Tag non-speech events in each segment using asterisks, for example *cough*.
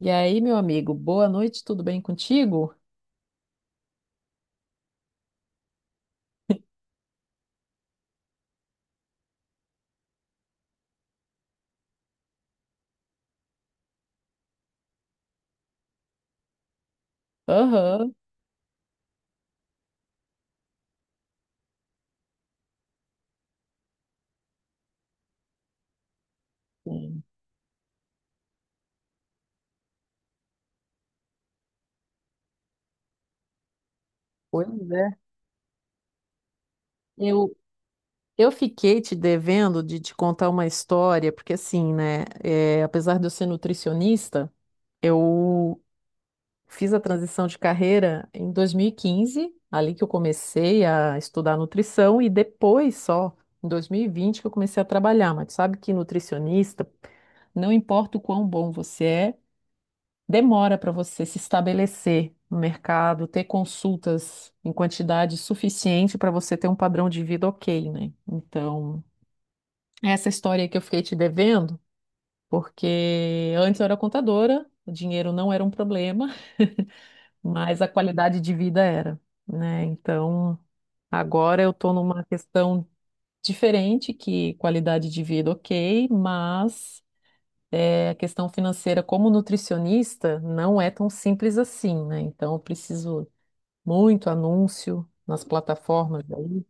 E aí, meu amigo, boa noite, tudo bem contigo? Aham. Sim. Pois é. Eu, eu fiquei te devendo de te contar uma história, porque assim, né, é, apesar de eu ser nutricionista, eu fiz a transição de carreira em 2015, ali que eu comecei a estudar nutrição, e depois só, em 2020, que eu comecei a trabalhar. Mas tu sabe que nutricionista, não importa o quão bom você é, demora para você se estabelecer no mercado, ter consultas em quantidade suficiente para você ter um padrão de vida ok, né? Então, essa história que eu fiquei te devendo, porque antes eu era contadora, o dinheiro não era um problema, *laughs* mas a qualidade de vida era, né? Então, agora eu estou numa questão diferente, que qualidade de vida ok, mas é, a questão financeira como nutricionista não é tão simples assim, né? Então eu preciso muito anúncio nas plataformas aí.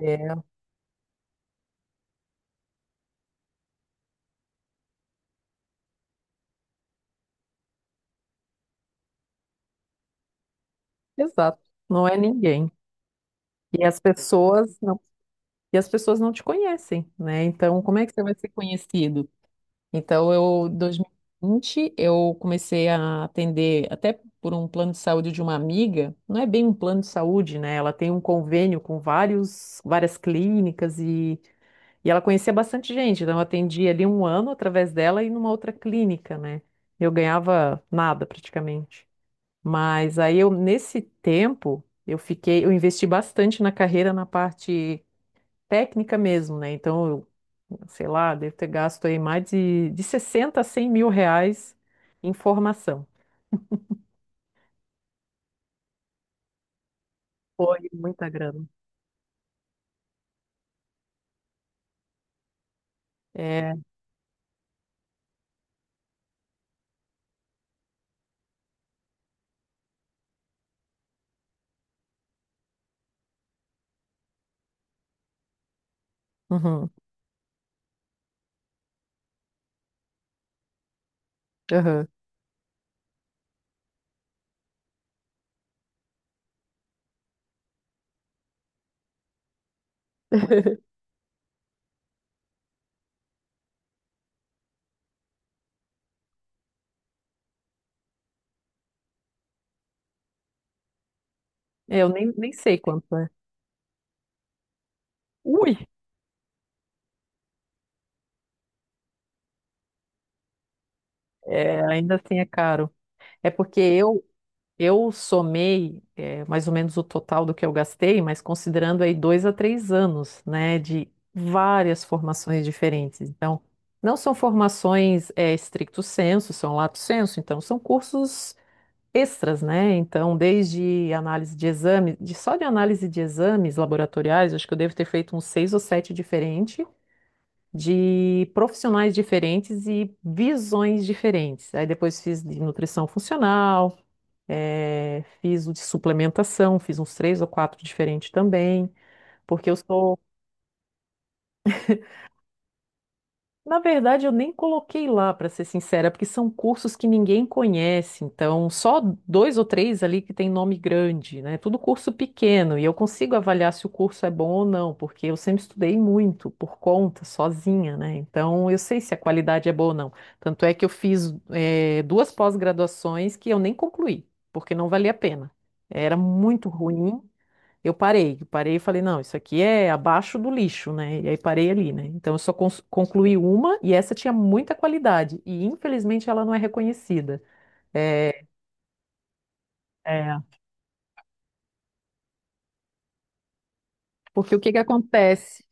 É, exato. Não é ninguém. E as pessoas não, e as pessoas não te conhecem, né? Então como é que você vai ser conhecido? Então eu, em 2020, eu comecei a atender até por um plano de saúde de uma amiga. Não é bem um plano de saúde, né? Ela tem um convênio com várias clínicas e ela conhecia bastante gente, então eu atendi ali um ano através dela e numa outra clínica, né? Eu ganhava nada praticamente. Mas aí eu, nesse tempo, eu fiquei, eu investi bastante na carreira na parte técnica mesmo, né? Então, eu, sei lá, devo ter gasto aí mais de 60 a 100 mil reais em formação. Foi muita grana. É, uhum, uhum. *laughs* É, eu nem sei quanto é. Ui, é, ainda assim é caro. É porque eu somei mais ou menos o total do que eu gastei, mas considerando aí 2 a 3 anos, né, de várias formações diferentes. Então, não são formações stricto sensu, são lato sensu, então são cursos extras, né? Então, desde análise de exames, só de análise de exames laboratoriais, acho que eu devo ter feito uns seis ou sete diferentes, de profissionais diferentes e visões diferentes. Aí depois fiz de nutrição funcional fiz o de suplementação, fiz uns três ou quatro diferentes também, porque eu sou. Na verdade, eu nem coloquei lá, para ser sincera, porque são cursos que ninguém conhece, então só dois ou três ali que tem nome grande, né? Tudo curso pequeno, e eu consigo avaliar se o curso é bom ou não, porque eu sempre estudei muito por conta, sozinha, né? Então eu sei se a qualidade é boa ou não. Tanto é que eu fiz, duas pós-graduações que eu nem concluí, porque não valia a pena. Era muito ruim. Eu parei e falei, não, isso aqui é abaixo do lixo, né? E aí parei ali, né? Então eu só concluí uma e essa tinha muita qualidade e infelizmente ela não é reconhecida. É, é, porque o que que acontece?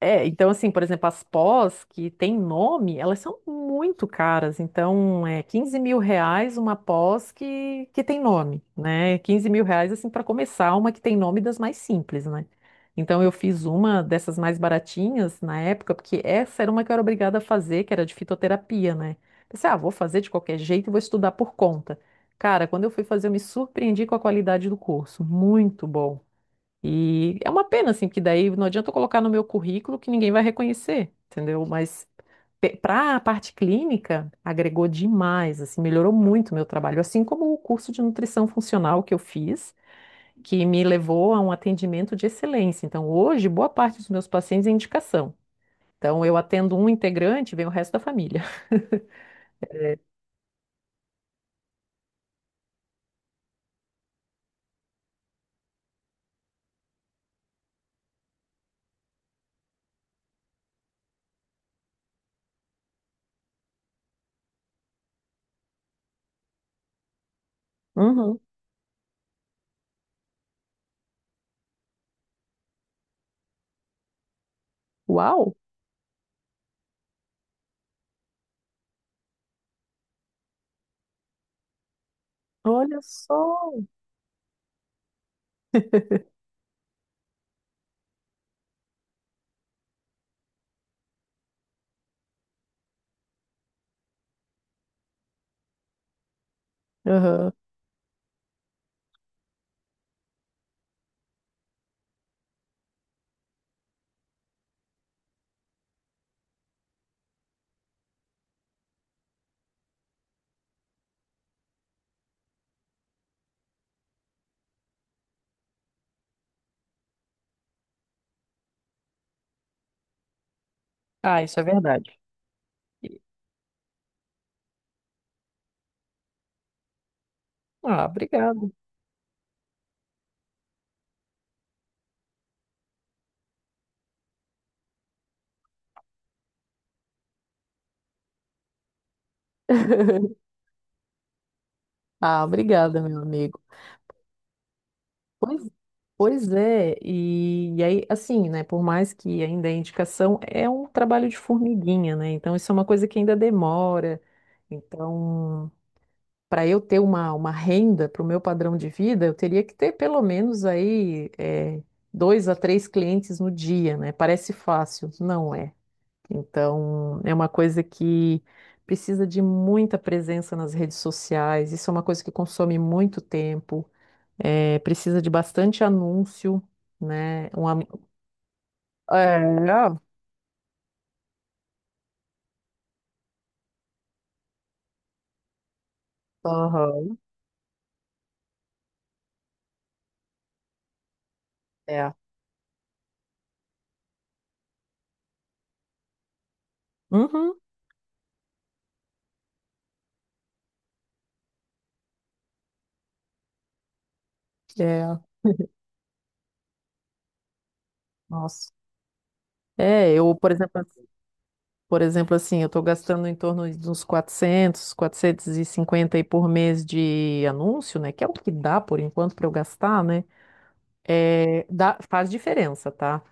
É, então assim, por exemplo, as pós que tem nome, elas são muito caras. Então, é 15 mil reais uma pós que tem nome, né? 15 mil reais, assim, para começar, uma que tem nome das mais simples, né? Então, eu fiz uma dessas mais baratinhas na época, porque essa era uma que eu era obrigada a fazer, que era de fitoterapia, né? Pensei, ah, vou fazer de qualquer jeito e vou estudar por conta. Cara, quando eu fui fazer, eu me surpreendi com a qualidade do curso. Muito bom. E é uma pena, assim, porque daí não adianta eu colocar no meu currículo que ninguém vai reconhecer, entendeu? Mas para a parte clínica, agregou demais, assim, melhorou muito o meu trabalho, assim como o curso de nutrição funcional que eu fiz, que me levou a um atendimento de excelência. Então, hoje, boa parte dos meus pacientes é indicação. Então, eu atendo um integrante, vem o resto da família. *laughs* Uhum. Uau! Olha só! *laughs* Uhum. Ah, isso é verdade. Ah, obrigada. *laughs* Ah, obrigada, meu amigo. Pois, pois é, e aí, assim, né, por mais que ainda a indicação é um trabalho de formiguinha, né, então isso é uma coisa que ainda demora, então, para eu ter uma renda para o meu padrão de vida, eu teria que ter pelo menos aí é, 2 a 3 clientes no dia, né, parece fácil, não é, então, é uma coisa que precisa de muita presença nas redes sociais, isso é uma coisa que consome muito tempo, é, precisa de bastante anúncio, né? É, aham, é. Uhum, é, Nossa. É, eu, por exemplo, assim, eu estou gastando em torno de uns 400, 450 aí por mês de anúncio, né? Que é o que dá por enquanto para eu gastar, né? É, faz diferença, tá?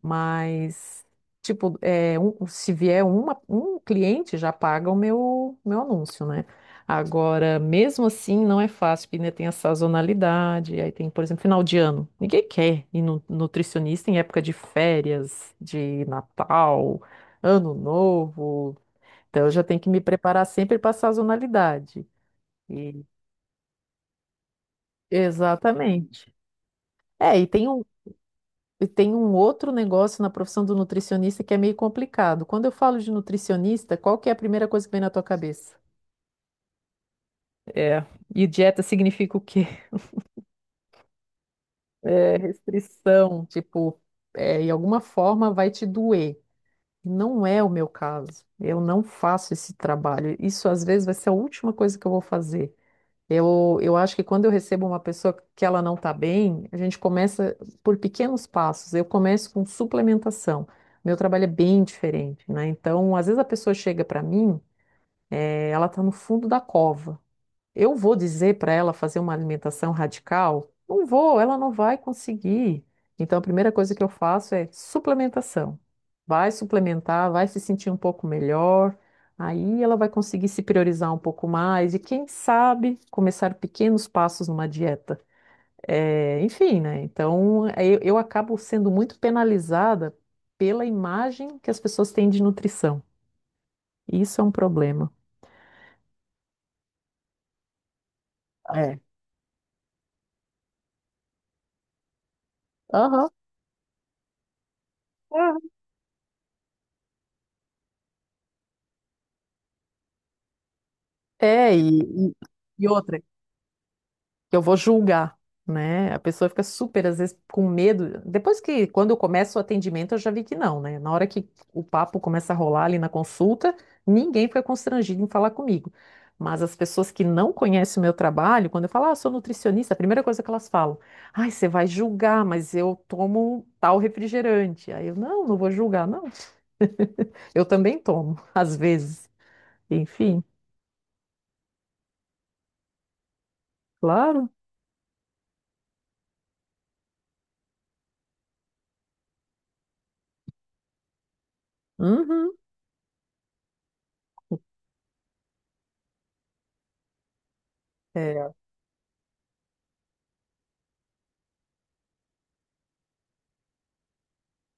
Mas, tipo, é, se vier um cliente, já paga o meu anúncio, né? Agora, mesmo assim, não é fácil, porque ainda tem a sazonalidade, aí tem, por exemplo, final de ano. Ninguém quer ir no nutricionista em época de férias, de Natal, Ano Novo. Então, eu já tenho que me preparar sempre para a sazonalidade. E- Exatamente. É, e tem um e tem um outro negócio na profissão do nutricionista que é meio complicado. Quando eu falo de nutricionista, qual que é a primeira coisa que vem na tua cabeça? É, e dieta significa o quê? *laughs* É, restrição, tipo, é, em alguma forma vai te doer. Não é o meu caso. Eu não faço esse trabalho. Isso às vezes vai ser a última coisa que eu vou fazer. Eu acho que quando eu recebo uma pessoa que ela não está bem, a gente começa por pequenos passos. Eu começo com suplementação. Meu trabalho é bem diferente, né? Então, às vezes a pessoa chega para mim, ela está no fundo da cova. Eu vou dizer para ela fazer uma alimentação radical? Não vou, ela não vai conseguir. Então, a primeira coisa que eu faço é suplementação. Vai suplementar, vai se sentir um pouco melhor. Aí ela vai conseguir se priorizar um pouco mais e, quem sabe, começar pequenos passos numa dieta. É, enfim, né? Então, é, eu acabo sendo muito penalizada pela imagem que as pessoas têm de nutrição. Isso é um problema. É. Aham. É, é, e e outra. Eu vou julgar, né? A pessoa fica super, às vezes, com medo. Depois que, quando eu começo o atendimento, eu já vi que não, né? Na hora que o papo começa a rolar ali na consulta, ninguém fica constrangido em falar comigo. Mas as pessoas que não conhecem o meu trabalho, quando eu falo, ah, sou nutricionista, a primeira coisa que elas falam, ai, você vai julgar, mas eu tomo tal refrigerante. Aí eu, não, não vou julgar, não. *laughs* Eu também tomo, às vezes. Enfim, claro. Uhum. É,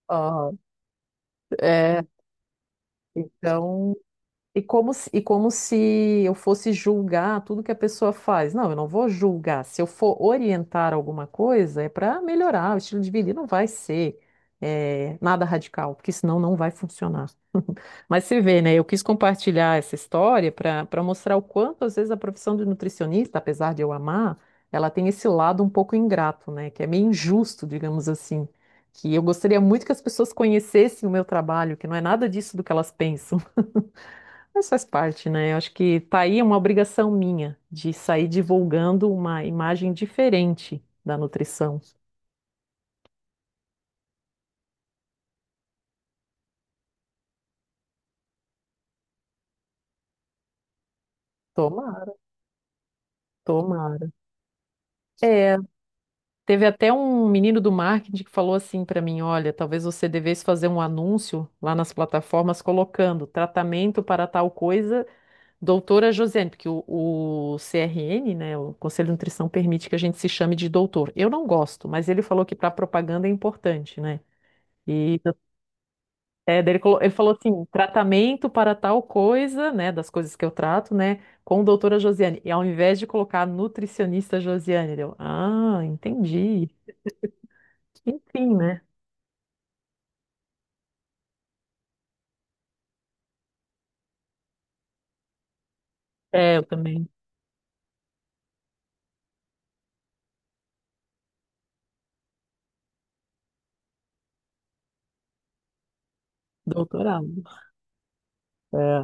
ó, é, então e como se eu fosse julgar tudo que a pessoa faz. Não, eu não vou julgar. Se eu for orientar alguma coisa, é para melhorar o estilo de vida. E não vai ser nada radical, porque senão não vai funcionar. *laughs* Mas você vê, né? Eu quis compartilhar essa história para mostrar o quanto, às vezes, a profissão de nutricionista, apesar de eu amar, ela tem esse lado um pouco ingrato, né? Que é meio injusto, digamos assim. Que eu gostaria muito que as pessoas conhecessem o meu trabalho, que não é nada disso do que elas pensam. Mas faz parte, né? Eu acho que tá aí é uma obrigação minha de sair divulgando uma imagem diferente da nutrição. Tomara, tomara. É, teve até um menino do marketing que falou assim pra mim, olha, talvez você devesse fazer um anúncio lá nas plataformas colocando tratamento para tal coisa, doutora Josiane, porque o CRN, né, o Conselho de Nutrição permite que a gente se chame de doutor. Eu não gosto, mas ele falou que para propaganda é importante, né? E, daí ele, ele falou assim, tratamento para tal coisa, né, das coisas que eu trato, né, com doutora Josiane. E ao invés de colocar nutricionista Josiane, deu, ah, entendi. Enfim, né? É, eu também, doutorado. É,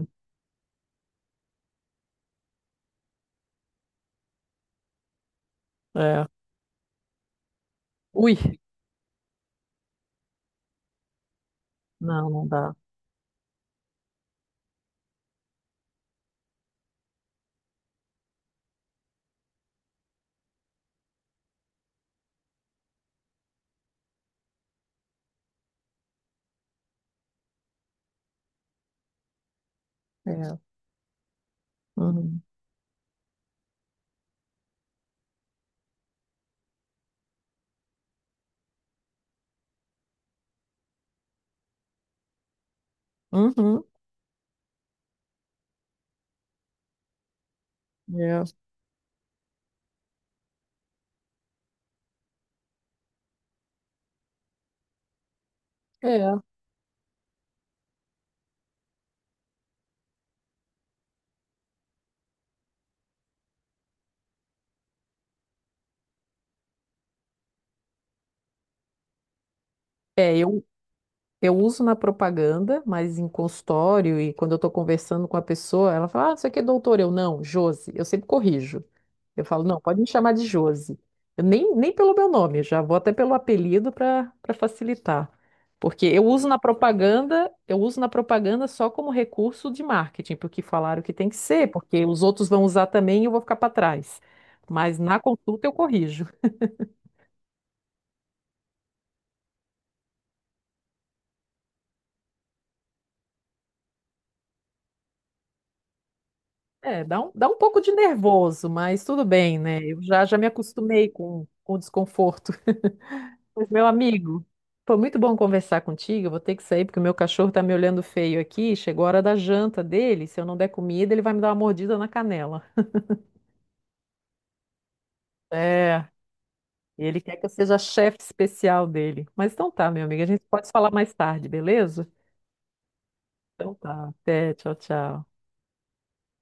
é. Ui, não, não dá. É. Uhum. Uhum. É. É. É, eu uso na propaganda, mas em consultório e quando eu tô conversando com a pessoa, ela fala, ah, isso aqui é doutor. Eu, não, Josi. Eu sempre corrijo. Eu falo, não, pode me chamar de Josi. Eu nem pelo meu nome, eu já vou até pelo apelido para facilitar. Porque eu uso na propaganda, eu uso na propaganda só como recurso de marketing, porque falaram que tem que ser, porque os outros vão usar também e eu vou ficar para trás. Mas na consulta eu corrijo. É, dá um pouco de nervoso, mas tudo bem, né? Eu já me acostumei com o desconforto. Pois, meu amigo, foi muito bom conversar contigo. Eu vou ter que sair porque o meu cachorro tá me olhando feio aqui. Chegou a hora da janta dele. Se eu não der comida, ele vai me dar uma mordida na canela. É, ele quer que eu seja a chefe especial dele. Mas então tá, meu amigo, a gente pode falar mais tarde, beleza? Então tá, até, tchau, tchau.